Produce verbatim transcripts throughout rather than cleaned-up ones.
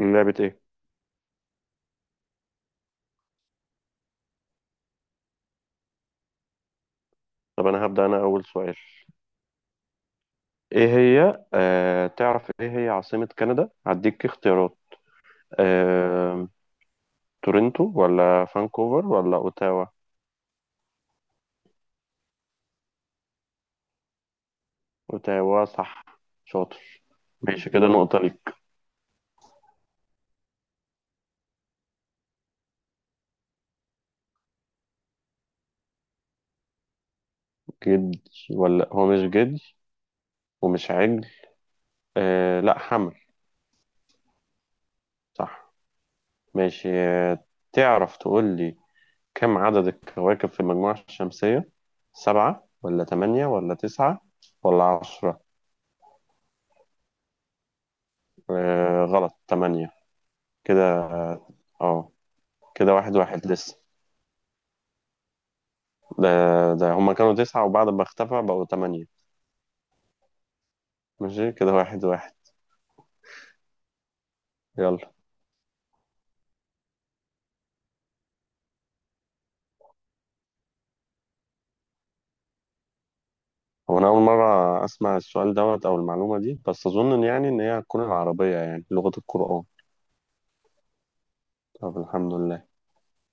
لعبة ايه؟ طب انا هبدأ انا اول سؤال. ايه هي آه تعرف ايه هي عاصمة كندا؟ هديك اختيارات. آه، تورنتو ولا فانكوفر ولا اوتاوا؟ اوتاوا صح. شاطر. ماشي كده نقطة ليك. جدي، ولا هو مش جدي ومش عجل، آه لا حمل. صح. ماشي. آه تعرف تقول لي، كم عدد الكواكب في المجموعة الشمسية؟ سبعة ولا تمانية ولا تسعة ولا عشرة؟ آه غلط، تمانية. كده اه، كده واحد واحد لسه. ده ده هما كانوا تسعة وبعد ما اختفى بقوا تمانية. ماشي كده واحد واحد. يلا. هو أنا أول مرة أسمع السؤال دوت أو المعلومة دي، بس أظن إن يعني إن هي هتكون العربية، يعني لغة القرآن. طب الحمد لله.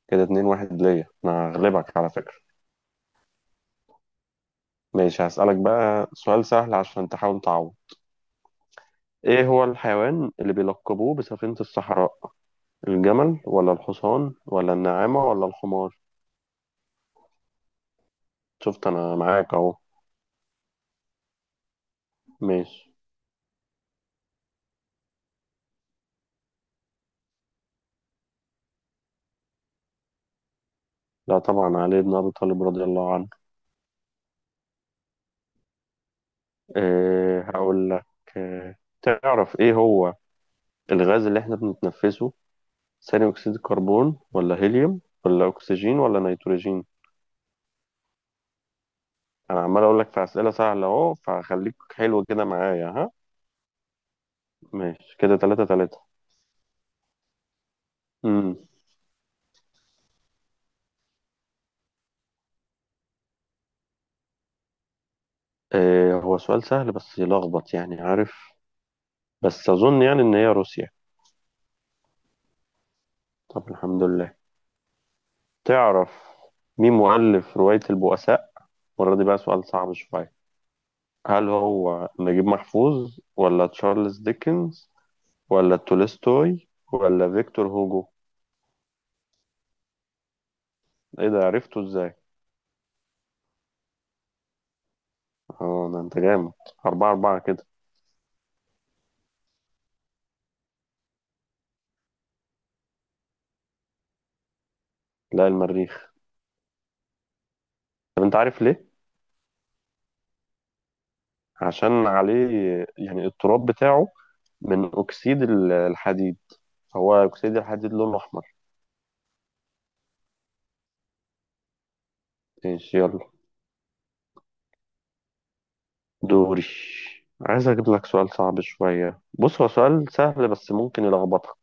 كده اتنين واحد ليا، أنا هغلبك على فكرة. ماشي. هسألك بقى سؤال سهل عشان تحاول تعوض. إيه هو الحيوان اللي بيلقبوه بسفينة الصحراء؟ الجمل ولا الحصان ولا النعامة ولا الحمار؟ شفت أنا معاك أهو. ماشي. لا طبعا علي بن أبي طالب رضي الله عنه. إيه هقول لك، إيه تعرف إيه هو الغاز اللي إحنا بنتنفسه؟ ثاني أكسيد الكربون ولا هيليوم ولا أكسجين ولا نيتروجين؟ أنا عمال أقول لك في أسئلة سهلة أهو، فخليك حلو كده معايا ها. ماشي كده تلاتة تلاتة. امم إيه هو سؤال سهل بس يلخبط، يعني عارف، بس أظن يعني إن هي روسيا. طب الحمد لله. تعرف مين مؤلف رواية البؤساء؟ المرة دي بقى سؤال صعب شوية. هل هو نجيب محفوظ ولا تشارلز ديكنز ولا تولستوي ولا فيكتور هوجو؟ ايه ده، عرفته ازاي؟ اه ده انت جامد. اربعة اربعة كده. لا المريخ. طب انت عارف ليه؟ عشان عليه، يعني التراب بتاعه، من اكسيد ال- الحديد. هو اكسيد الحديد لونه احمر. ماشي يلا. دوري. عايز اجيب لك سؤال صعب شوية، بص هو سؤال سهل بس ممكن يلخبطك.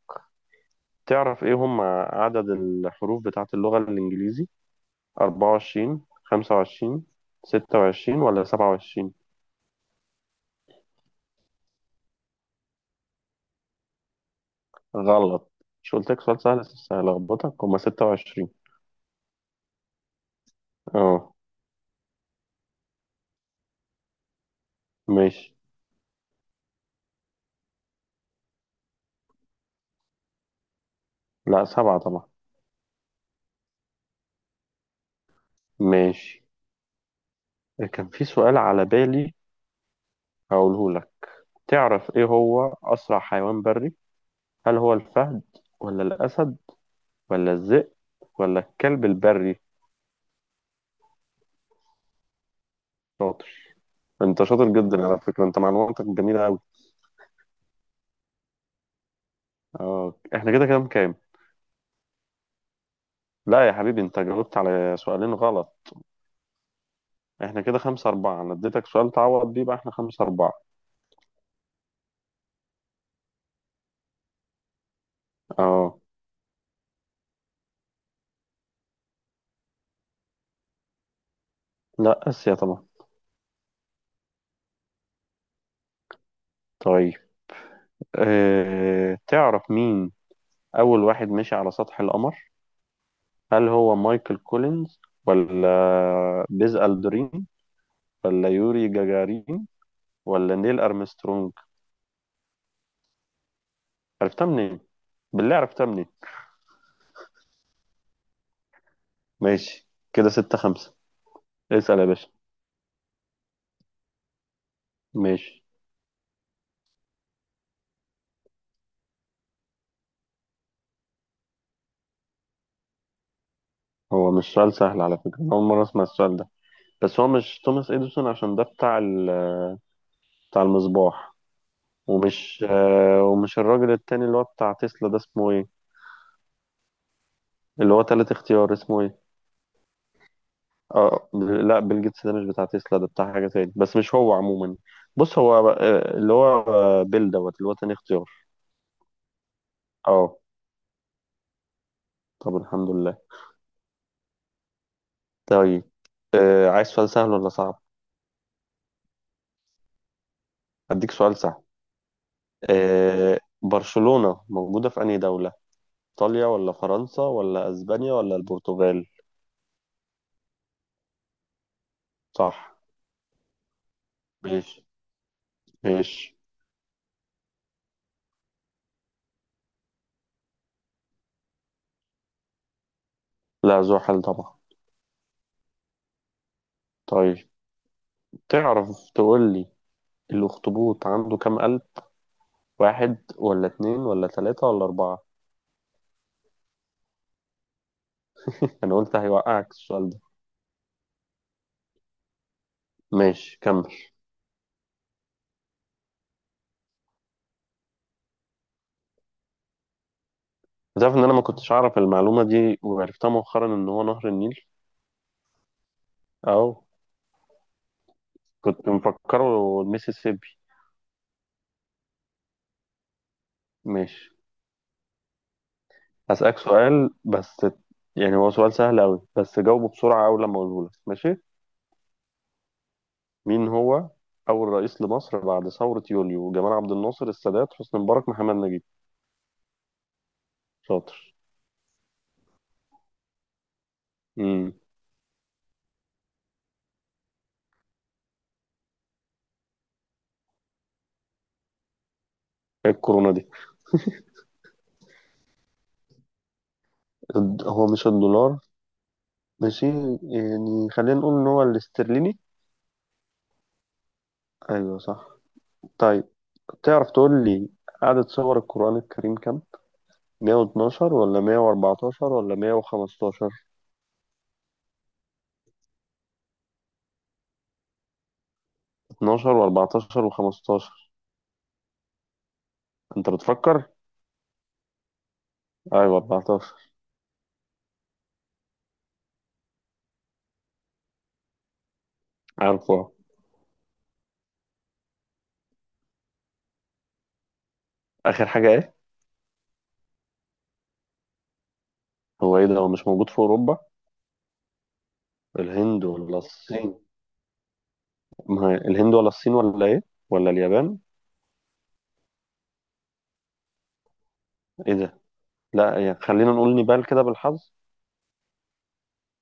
تعرف ايه هم عدد الحروف بتاعت اللغة الانجليزي؟ أربعة وعشرين، خمسة وعشرين، ستة وعشرين ولا سبعة وعشرين؟ غلط. مش قلت لك سؤال سهل بس هلخبطك، هما ستة وعشرين. اه. ماشي. لا سبعة طبعا. ماشي. كان في سؤال على بالي هقوله لك. تعرف ايه هو أسرع حيوان بري؟ هل هو الفهد ولا الأسد ولا الذئب ولا الكلب البري؟ شاطر. انت شاطر جدا على فكرة، انت معلوماتك جميلة أوي. اه احنا كده كام كام؟ لا يا حبيبي انت جاوبت على سؤالين غلط. احنا كده خمسة أربعة، أنا اديتك سؤال تعوض بيه بقى، احنا خمسة أربعة. اه. لا آسيا طبعا. طيب. اه تعرف مين أول واحد مشي على سطح القمر؟ هل هو مايكل كولينز ولا بيز ألدرين ولا يوري جاجارين ولا نيل أرمسترونج؟ عرفتها منين؟ بالله عرفتها منين؟ ماشي كده ستة خمسة. اسأل يا باشا. ماشي. هو مش سؤال سهل على فكرة، أنا أول مرة أسمع السؤال ده، بس هو مش توماس إديسون عشان ده بتاع ال... بتاع المصباح. ومش آه، ومش الراجل التاني اللي هو بتاع تسلا ده، اسمه ايه اللي هو تالت اختيار، اسمه ايه؟ اه. لا بيل جيتس ده مش بتاع تسلا، ده بتاع حاجة تاني، بس مش هو عموما. بص هو آه، اللي هو آه، بيل دوت اللي هو تاني اختيار. اه. طب الحمد لله. طيب. آه، عايز سؤال سهل ولا صعب؟ اديك سؤال سهل. آه، برشلونة موجودة في أنهي دولة؟ ايطاليا ولا فرنسا ولا اسبانيا ولا البرتغال؟ صح. ماشي. ماشي. لا ذو حل طبعا. طيب. تعرف تقول لي، الأخطبوط عنده كام قلب؟ واحد ولا اتنين ولا تلاتة ولا أربعة؟ أنا قلت هيوقعك السؤال ده. ماشي كمل. تعرف إن أنا ما كنتش أعرف المعلومة دي، وعرفتها مؤخرا إن هو نهر النيل. أو كنت مفكره الميسيسيبي. ماشي. هسألك سؤال بس، يعني هو سؤال سهل أوي بس جاوبه بسرعة أول لما أقوله لك. ماشي. مين هو أول رئيس لمصر بعد ثورة يوليو؟ جمال عبد الناصر، السادات، حسني مبارك، محمد نجيب؟ شاطر. امم إيه الكورونا دي؟ الد- هو مش الدولار. ماشي. يعني خلينا نقول إن هو الاسترليني. أيوه صح. طيب. تعرف تقول لي، عدد سور القرآن الكريم كام؟ مية واتناشر ولا مية واربعتاشر ولا مية وخمستاشر؟ اثنا عشر و14 و15؟ أنت بتفكر؟ أيوه اربعتاشر. عارفه. آخر حاجة إيه؟ هو إيه ده، هو مش موجود في أوروبا؟ الهند ولا الصين؟ ما هي الهند ولا الصين ولا إيه؟ ولا اليابان؟ إيه ده؟ لا يعني خلينا نقول نيبال كده بالحظ.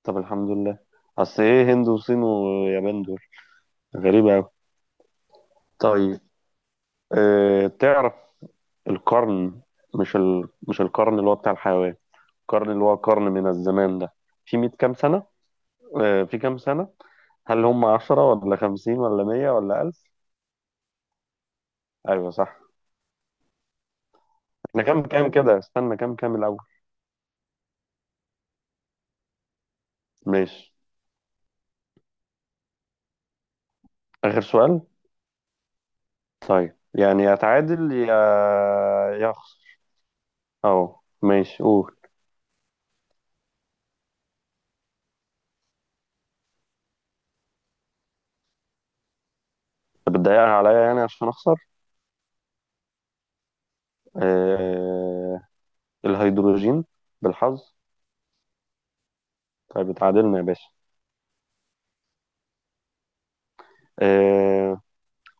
طب الحمد لله. أصل إيه هند وصين ويابان دول؟ غريبة أوي. طيب. أه تعرف القرن، مش ال... مش القرن اللي هو بتاع الحيوان، القرن اللي هو قرن من الزمان ده، في مية كام سنة؟ أه في كام سنة؟ هل هم عشرة ولا خمسين ولا مية ولا ألف؟ ايوه صح. احنا كام كام كده، استنى كام كام الاول. ماشي. اخر سؤال. طيب يعني يا تعادل يا يا اخسر. اهو. ماشي قول. طب بتضايقها عليا يعني عشان اخسر؟ أه... الهيدروجين. بالحظ. طيب اتعادلنا يا باشا. أه...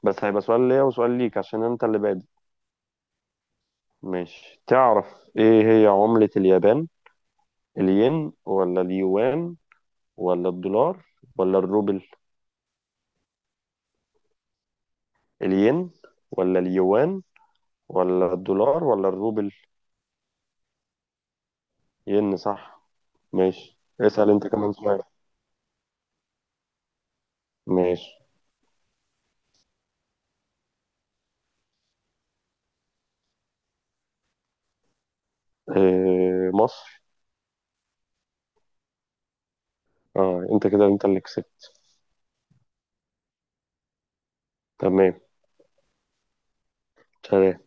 بس هيبقى سؤال ليا وسؤال ليك عشان انت اللي بادئ. ماشي. تعرف ايه هي عملة اليابان؟ الين ولا اليوان ولا الدولار ولا الروبل؟ الين ولا اليوان ولا الدولار ولا الروبل؟ ين صح. ماشي اسأل انت كمان سؤال. ماشي. إيه مصر. اه انت كده انت اللي كسبت. تمام. سلام.